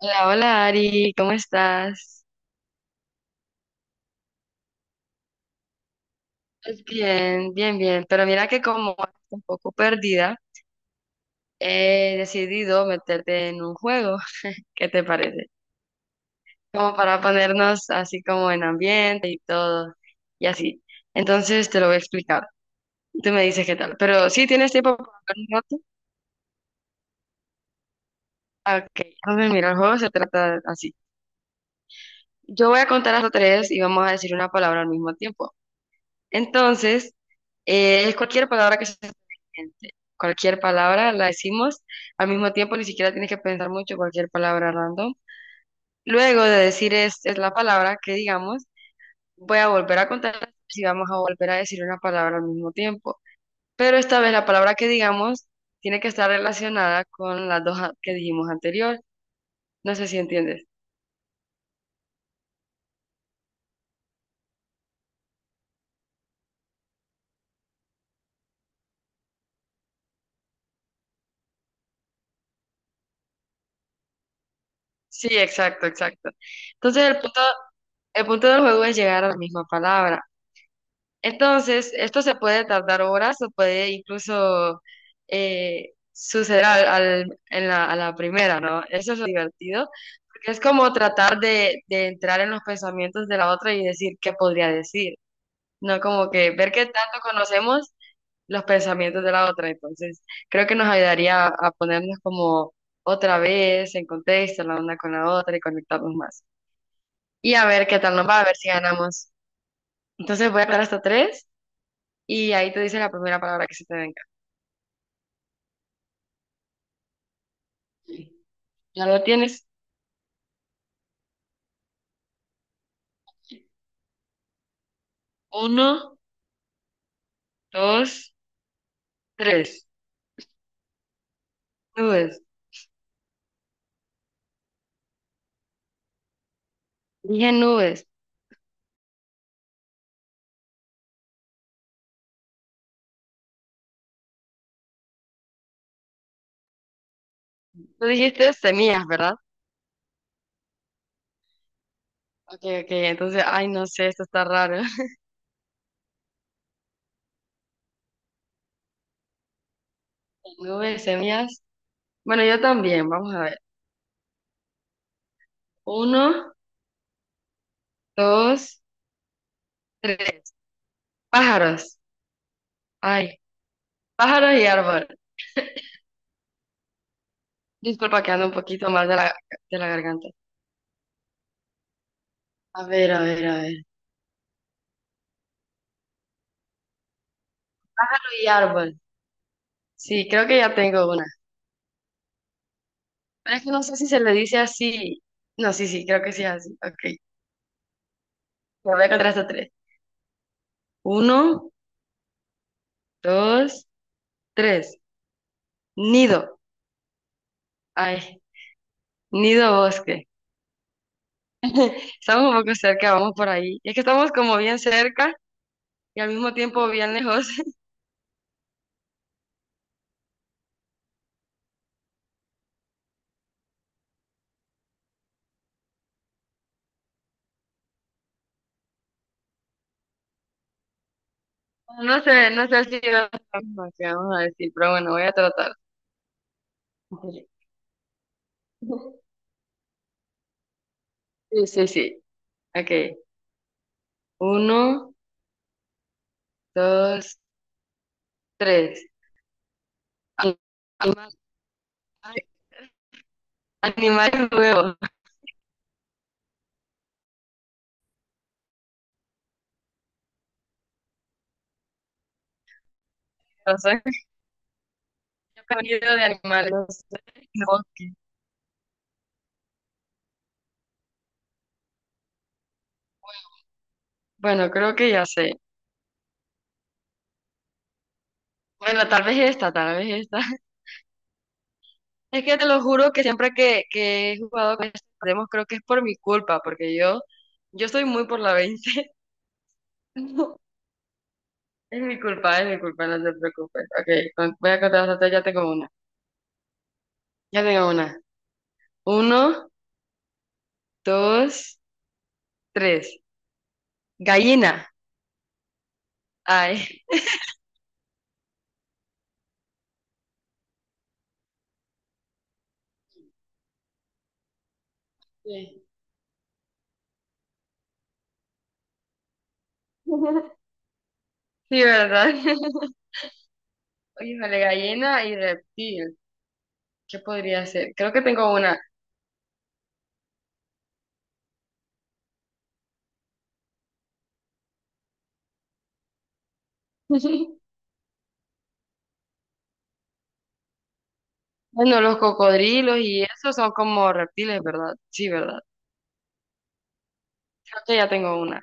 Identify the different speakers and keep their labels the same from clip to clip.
Speaker 1: Hola, hola Ari, ¿cómo estás? Pues bien, bien, bien. Pero mira que como estoy un poco perdida, he decidido meterte en un juego. ¿Qué te parece? Como para ponernos así como en ambiente y todo, y así. Entonces te lo voy a explicar. Tú me dices qué tal. Pero sí tienes tiempo para hablar un rato. Ah, ok, entonces mira, el juego se trata así. Yo voy a contar hasta tres y vamos a decir una palabra al mismo tiempo. Entonces, es cualquier palabra que se te venga a la mente. Cualquier palabra la decimos. Al mismo tiempo, ni siquiera tienes que pensar mucho cualquier palabra random. Luego de decir es la palabra que digamos, voy a volver a contar si vamos a volver a decir una palabra al mismo tiempo. Pero esta vez la palabra que digamos tiene que estar relacionada con las dos que dijimos anterior. No sé si entiendes. Sí, exacto, exacto. Entonces, el punto del juego es llegar a la misma palabra. Entonces, esto se puede tardar horas o puede incluso suceder a la primera, ¿no? Eso es lo divertido, porque es como tratar de entrar en los pensamientos de la otra y decir qué podría decir, ¿no? Como que ver qué tanto conocemos los pensamientos de la otra. Entonces, creo que nos ayudaría a ponernos como otra vez en contexto la una con la otra y conectarnos más. Y a ver qué tal nos va, a ver si ganamos. Entonces, voy a dar hasta tres y ahí te dice la primera palabra que se te venga. Ya lo tienes. Uno, dos, tres. Nubes. Dije nubes. Tú dijiste semillas, ¿verdad? Ok, ok, entonces, ay, no sé, esto está raro. Nubes, semillas. Bueno, yo también, vamos a ver. Uno, dos, tres. Pájaros. Ay, pájaros y árbol. Disculpa que ando un poquito mal de la garganta. A ver, a ver, a ver. Pájaro y árbol. Sí, creo que ya tengo una. Es que no sé si se le dice así. No, sí, sí, creo que sí es así. Ok. Me voy a contar hasta tres. Uno, dos, tres. Nido. Ay, nido bosque. Estamos un poco cerca, vamos por ahí. Es que estamos como bien cerca y al mismo tiempo bien lejos. No sé, no sé si va a ser la misma que vamos a decir, pero bueno, voy a tratar. Sí, sí, sí. Ok. Uno, dos, tres. Animal, animal y huevo. Sonido de animales. No. Ok. Bueno, creo que ya sé. Bueno, tal vez esta, tal vez esta. Es que te lo juro que siempre que he jugado con estos demos, creo que es por mi culpa, yo soy muy por la veinte. No, es mi culpa, es mi culpa, no te preocupes. Ok, voy a contar hasta tres, ya tengo una. Ya tengo una. Uno, dos, tres. Gallina. Ay. Sí, sí, ¿verdad? Híjole, gallina y reptil. ¿Qué podría ser? Creo que tengo una. Bueno, los cocodrilos y eso son como reptiles, ¿verdad? Sí, ¿verdad? Creo que ya tengo una.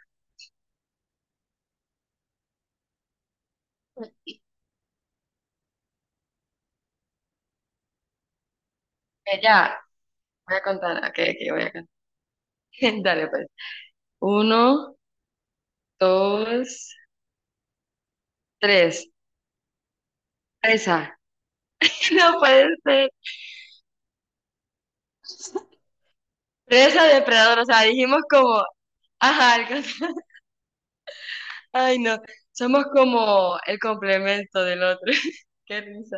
Speaker 1: Eh, ya, voy a contar. Ok, ok, voy a contar. Dale, pues. Uno, dos, tres. Presa. No puede ser. Presa depredador. O sea, dijimos como, ajá, ay no, somos como el complemento del otro. Qué risa.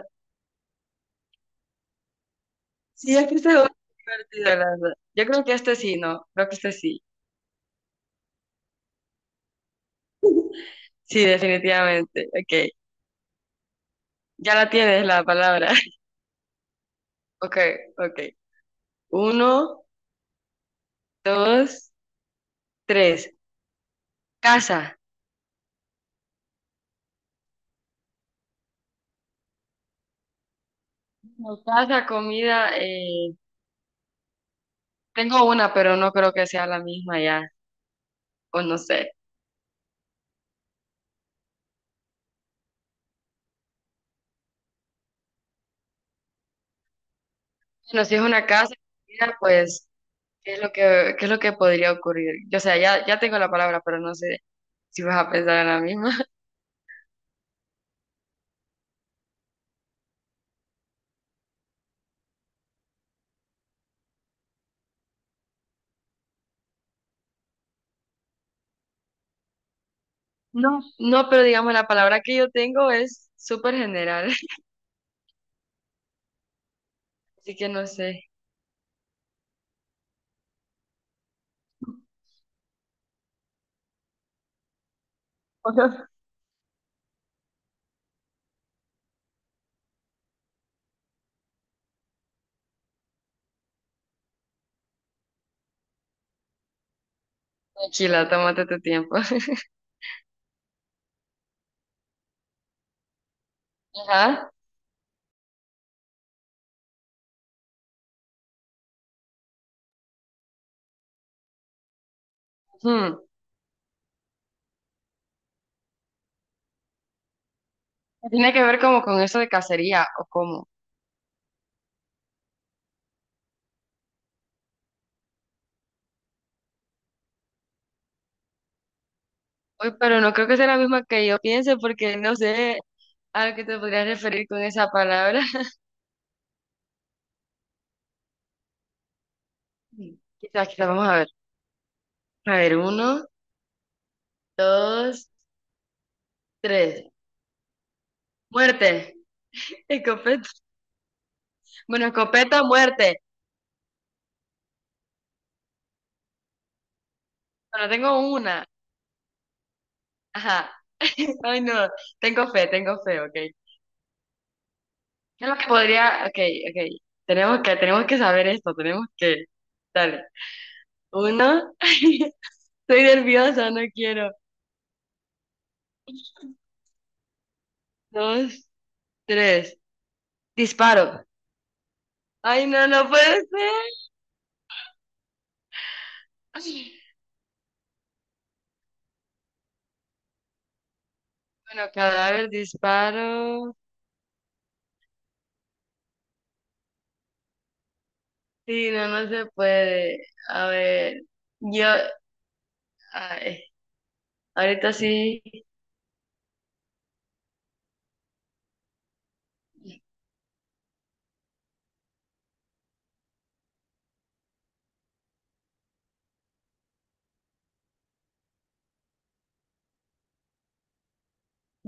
Speaker 1: Sí, es que este juego es divertido, la verdad. Yo creo que este sí, ¿no? Creo que este sí. Sí, definitivamente. Ok. Ya la tienes la palabra. Ok, ok. Uno, dos, tres. Casa. No, casa, comida. Tengo una, pero no creo que sea la misma ya. O no sé. Bueno, si es una casa, comida, pues, ¿qué es lo que podría ocurrir? Yo, o sea, ya tengo la palabra, pero no sé si vas a pensar en la misma. No, no, pero digamos, la palabra que yo tengo es súper general. Así que no sé. Tranquila, tómate tu tiempo. Ajá. Ujú. Tiene que ver como con eso de cacería o cómo. Uy, pero no creo que sea la misma que yo piense porque no sé a qué te podrías referir con esa palabra. Quizás, quizás, vamos a ver. A ver, uno, dos, tres. Muerte. Escopeta. Bueno, escopeta, muerte. Bueno, tengo una. Ajá. Ay, no. Tengo fe, ok. ¿Qué es lo que podría? Ok, ok. Tenemos que saber esto, tenemos que. Dale. Uno. Estoy nerviosa, no quiero. Dos. Tres, disparo. Ay, no, no puede ser. Ay, bueno, cadáver, disparo. Sí, no, no se puede. A ver, yo, ay, ahorita sí.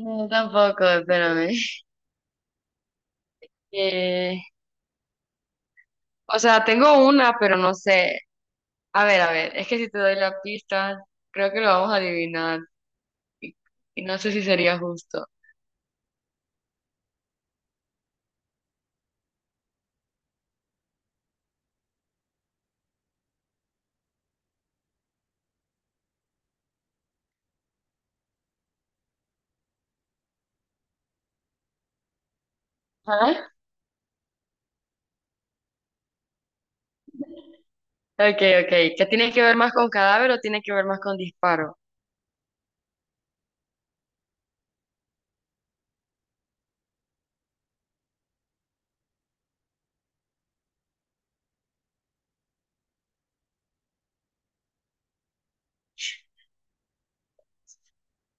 Speaker 1: No, tampoco, espérame. Eh, o sea, tengo una, pero no sé. A ver, es que si te doy la pista, creo que lo vamos a adivinar. Y, y no sé si sería justo. Ajá. Ok, ok. ¿Qué tiene que ver más con cadáver o tiene que ver más con disparo?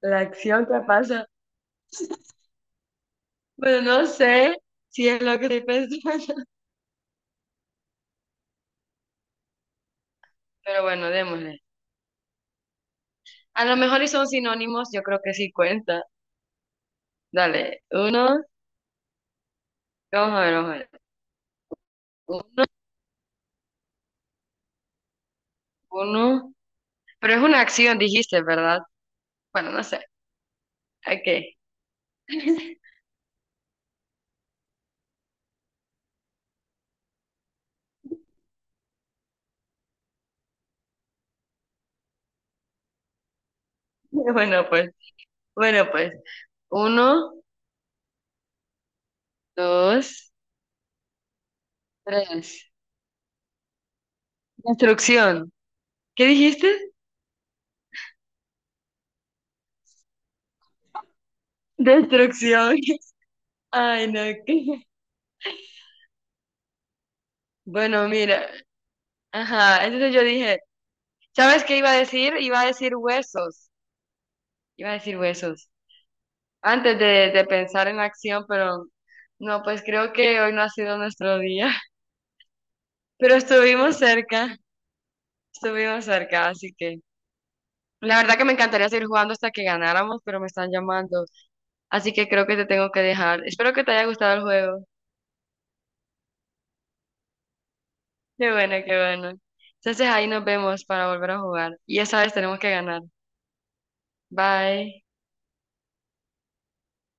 Speaker 1: La acción que pasa. Bueno, no sé si es lo que estoy pensando, pero bueno, démosle. A lo mejor y son sinónimos, yo creo que sí cuenta. Dale, uno, vamos a ver, vamos a ver. Un- Uno, pero es una acción, dijiste, ¿verdad? Bueno, no sé. Ok. Bueno, pues, bueno, pues. Uno, dos, tres. Destrucción. ¿Qué dijiste? Destrucción. Ay, no, qué. Bueno, mira. Ajá, entonces yo dije, ¿sabes qué iba a decir? Iba a decir huesos. Iba a decir huesos. Antes de pensar en acción, pero no, pues creo que hoy no ha sido nuestro día. Pero estuvimos cerca, así que la verdad que me encantaría seguir jugando hasta que ganáramos, pero me están llamando. Así que creo que te tengo que dejar. Espero que te haya gustado el juego. Qué bueno, qué bueno. Entonces ahí nos vemos para volver a jugar. Y esa vez tenemos que ganar. Bye.